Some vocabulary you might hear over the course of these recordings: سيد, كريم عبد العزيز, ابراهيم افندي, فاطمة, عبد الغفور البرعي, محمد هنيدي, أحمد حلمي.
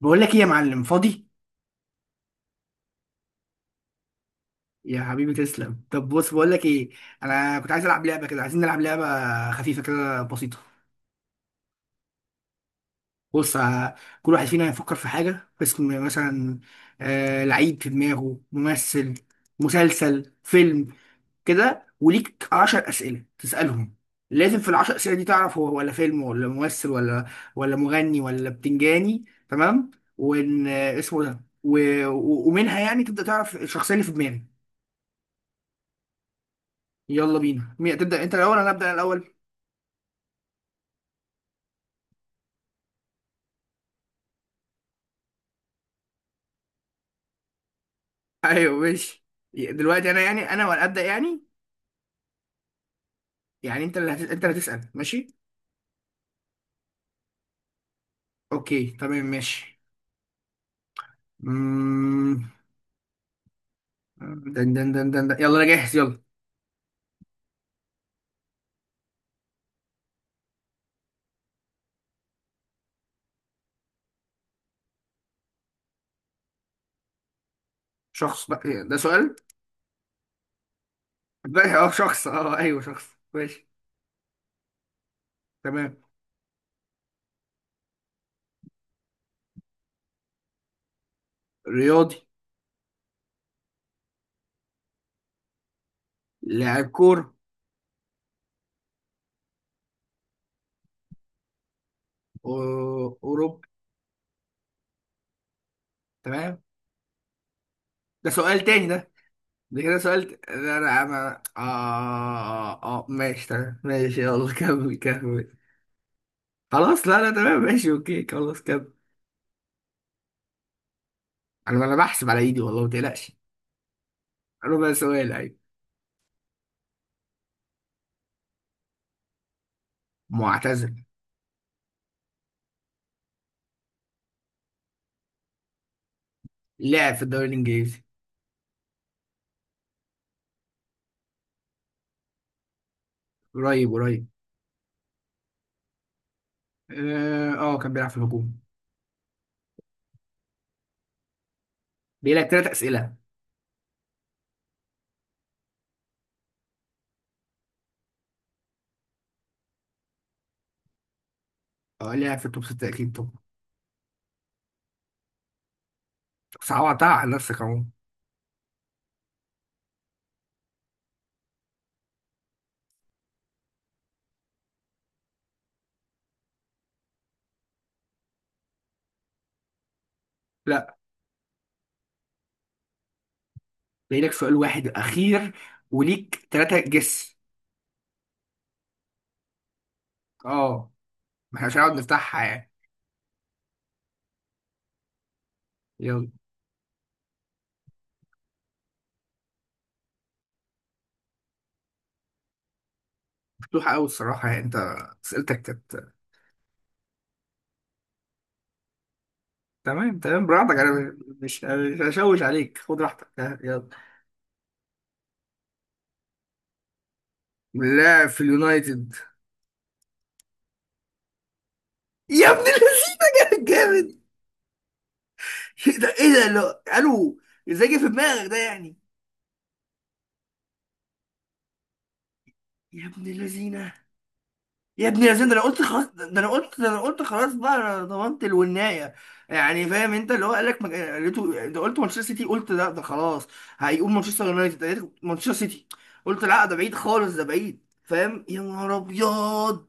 بقول لك ايه يا معلم، فاضي. يا حبيبي تسلم. طب بص، بقول لك ايه. انا كنت عايز العب لعبه كده، عايزين نلعب لعبه خفيفه كده بسيطه. بص ه- كل واحد فينا يفكر في حاجه، اسم مثلا، لعيب في دماغه، ممثل، مسلسل، فيلم كده. وليك 10 اسئله تسالهم. لازم في العشر اسئله دي تعرف هو ولا فيلم ولا ممثل ولا مغني ولا بتنجاني. تمام. وان اسمه ده ومنها يعني تبدا تعرف الشخصيه اللي في دماغك. يلا بينا، مين تبدأ؟ انت الاول؟ انا ابدأ الاول. ايوه ماشي. دلوقتي انا، يعني انا ولا ابدأ يعني؟ يعني انت اللي انت اللي هتسأل، ماشي. اوكي تمام ماشي. مم... دن دن دن دن دن. يلا انا جاهز، يلا. شخص؟ بقى ده سؤال؟ بقى اه شخص، اه ايوه شخص، ماشي. تمام. رياضي. لاعب كورة. اوروبي. تمام. ده سؤال تاني ده؟ ده كده سؤال ده انا. اه آه، ماشي تمام ماشي يلا. كمل كمل. خلاص لا لا تمام ماشي اوكي خلاص كده. انا بحسب على ايدي والله، ما تقلقش. ربع سؤال، ايوه. معتزل. لعب في الدوري الانجليزي. قريب قريب. اه آه، كان بيلعب في الهجوم. بيجي لك ثلاث اسئله. اه لعب في التوب 6 اكيد طبعا. صعبتها على نفسك اهو. لا. بيجي لك سؤال واحد اخير. وليك ثلاثه جس. اه. ما احنا مش هنقعد نفتحها يعني. يلا. مفتوحه قوي الصراحه يعني، انت اسئلتك كانت. تمام تمام براحتك، انا مش هشوش عليك، خد راحتك، يلا. لاعب في اليونايتد. يا ابن اللذينه. جامد جامد. ايه ده ايه ده لو قالوا ازاي جه في دماغك ده يعني؟ يا ابن اللذينه. يا ابن اللذينه. ده انا قلت خلاص، ده انا قلت، ده انا قلت خلاص بقى، انا ضمنت الونايه يعني، فاهم؟ انت اللي هو قال لك قلته ده، قلت مانشستر سيتي، قلت لا ده خلاص هيقوم مانشستر يونايتد، قلت مانشستر سيتي، قلت لا ده بعيد خالص، ده بعيد، فاهم؟ يا نهار ابيض.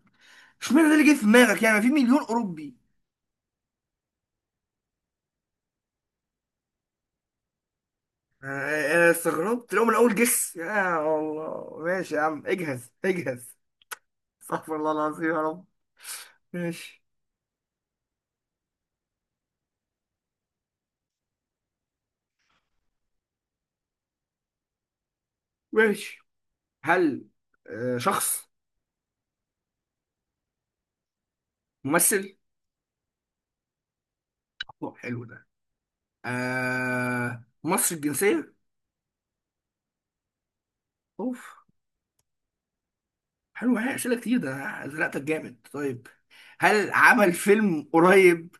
اشمعنى ده اللي جه في دماغك يعني؟ في مليون اوروبي. انا استغربت لو من اول جس. يا الله ماشي يا عم، اجهز اجهز. استغفر الله العظيم يا رب. ماشي ماشي. هل شخص؟ ممثل. أوه، حلو ده. آه مصري الجنسية. اوف. حلو، هي اسئلة كتير. ده أنا زنقتك جامد. طيب. هل عمل فيلم قريب؟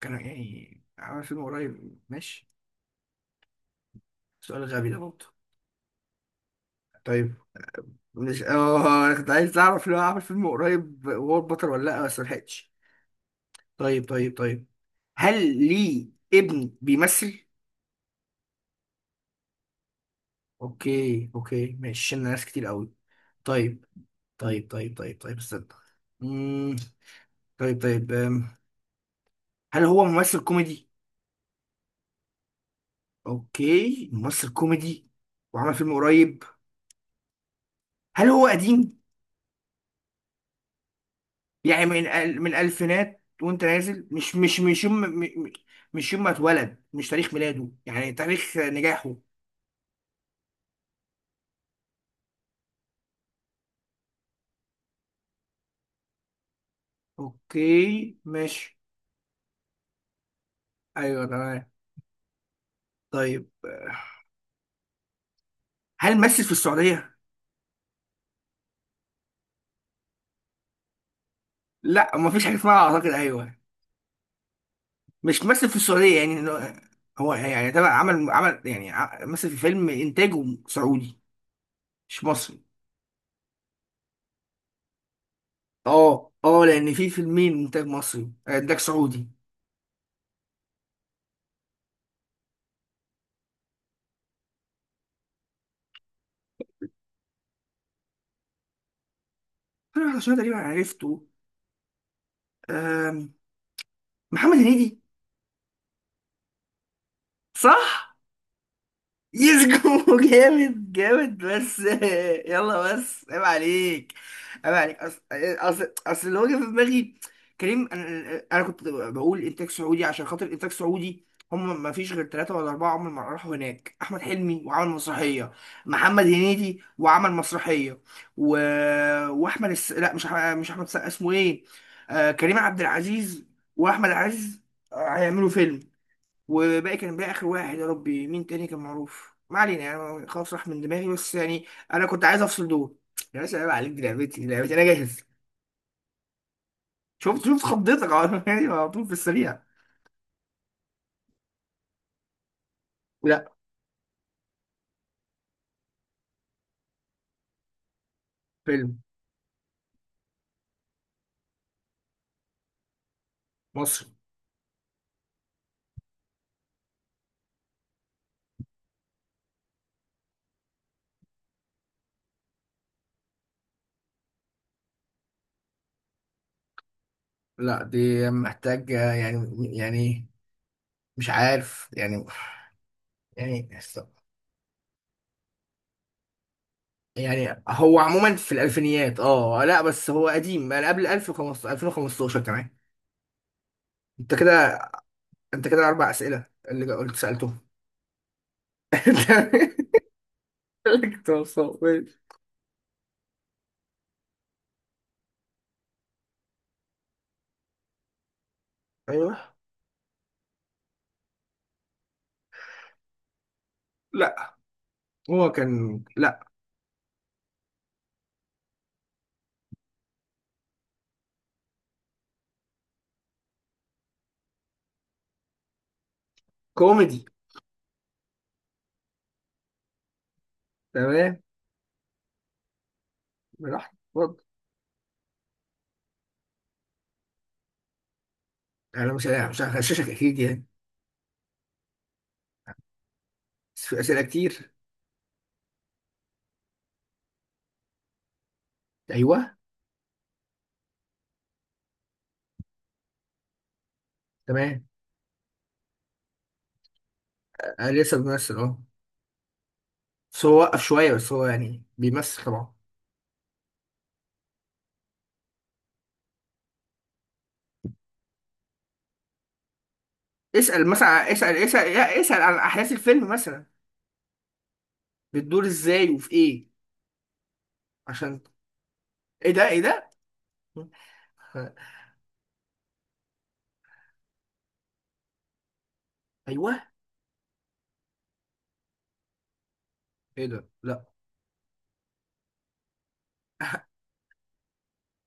كان يعني عمل فيلم قريب ماشي. سؤال غبي ده برضه. طيب. مش كنت عايز اعرف لو عمل فيلم قريب وهو البطل ولا لا، بس ملحقتش. طيب طيب طيب. هل ليه ابن بيمثل؟ اوكي اوكي ماشي، شلنا ناس كتير قوي. طيب. طيب طيب طيب طيب استنى. مم. طيب طيب أم. هل هو ممثل كوميدي؟ اوكي ممثل كوميدي وعمل فيلم قريب. هل هو قديم؟ يعني من الألفينات وانت نازل، مش يوم م- مش يوم ما اتولد، مش تاريخ ميلاده، يعني تاريخ نجاحه. اوكي ماشي. ايوه تمام. طيب آه، هل مثل في السعودية؟ لا ما فيش حاجه اسمها اعتقد ايوه. مش مثل في السعوديه يعني هو يعني تبع عمل يعني مثل في فيلم انتاجه سعودي مش مصري. اه اه لان في فيلمين، انتاج مصري، انتاج سعودي. انا واحد عشان تقريبا عرفته. آم، محمد هنيدي. صح. يسجو جامد جامد بس. يلا بس عيب عليك. عيب عليك، اصل اللي هو جه في دماغي كريم، انا انا كنت بقول انتاج سعودي، عشان خاطر انتاج سعودي هم ما فيش غير ثلاثة ولا أربعة عمر ما راحوا هناك. أحمد حلمي وعمل مسرحية، محمد هنيدي وعمل مسرحية، و... وأحمد الس... لا مش أحمد مش أحمد السقا، اسمه إيه؟ آه كريم عبد العزيز وأحمد عز هيعملوا فيلم. وباقي كان بقى اخر واحد يا ربي مين تاني كان معروف، ما علينا يعني خلاص راح من دماغي بس يعني. انا كنت عايز افصل دول. يا باشا عيب عليك، دي لعبتي دي لعبتي، انا جاهز. شفت شفت خضتك على يعني على طول في السريع. لا. فيلم. مصري. لا دي محتاج يعني مش عارف يعني يعني. يعني هو عموما في الالفينيات اه، لا بس هو قديم انا، قبل 1015 2015 كمان. انت كده انت كده اربع اسئله اللي قلت سالتهم. انت- ايوه. لا. هو كان لا. كوميدي. تمام براحتك اتفضل. يعني انا مش هغششك اكيد يعني. بس في اسئله كتير. ايوه. تمام. أنا لسه بيمثل اه، بس هو وقف شويه بس هو يعني بيمثل طبعا. اسال مثلا، اسال اسال لا، اسال عن احداث الفيلم مثلا. بتدور ازاي وفي ايه. عشان، ايه ده ايه ده. آه، ايوه. ايه ده لا.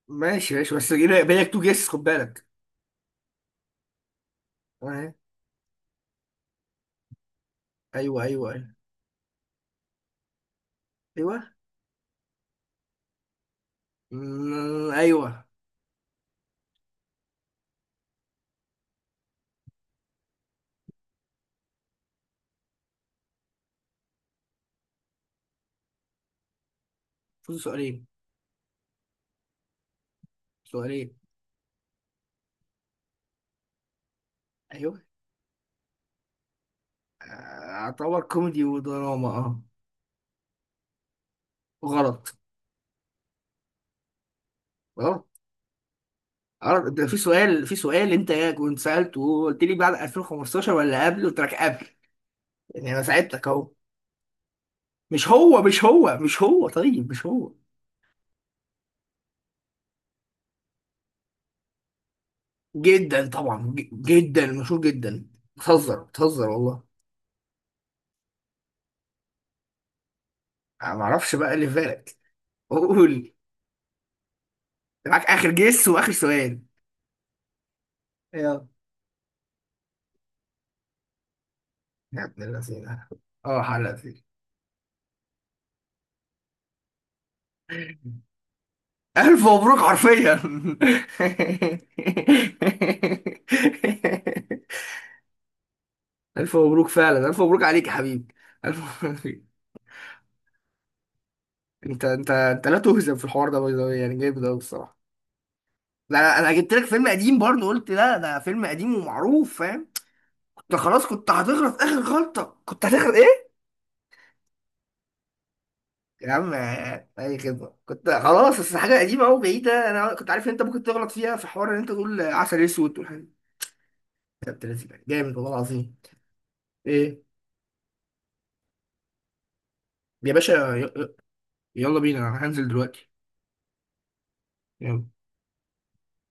ماشي ماشي بس بالك تو جيس، خد بالك. تمام. ايوه ايوه ايوه. ايوه. مم، ايوه. فوز سؤالين. سؤالين. ايوه. آه، اعتبر كوميدي ودراما اه. غلط. غلط. غلط ده، في سؤال في سؤال انت كنت سالته، وقلت لي بعد 2015 ولا قبل؟ قلت لك قبل، يعني انا ساعدتك اهو. مش هو مش هو مش هو، طيب مش هو. جدا طبعا، جدا مشهور جدا. بتهزر بتهزر والله. انا ما اعرفش بقى اللي في بالك، قول لي. معاك اخر جس واخر سؤال. يلا. يا ابن اللذينه. اه، حلقتي. ألف مبروك حرفيا. ألف مبروك فعلا، ألف مبروك عليك يا حبيبي. ألف مبروك. أنت أنت أنت لا تهزم في الحوار ده باي ذا واي، يعني جامد أوي الصراحة. لا أنا أنا جبت لك فيلم قديم برضه، قلت لا ده فيلم قديم ومعروف، فاهم؟ كنت خلاص كنت هتغلط آخر غلطة، كنت هتغلط إيه؟ يا عم. أي خدمة، كنت خلاص بس حاجة قديمة أوي بعيدة، أنا كنت عارف إن أنت ممكن تغلط فيها في حوار، إن أنت تقول عسل أسود والحاجات دي. يا ابن اللذينة، جامد والله العظيم. إيه؟ يا باشا. يلا بينا، انا هنزل دلوقتي. يلا.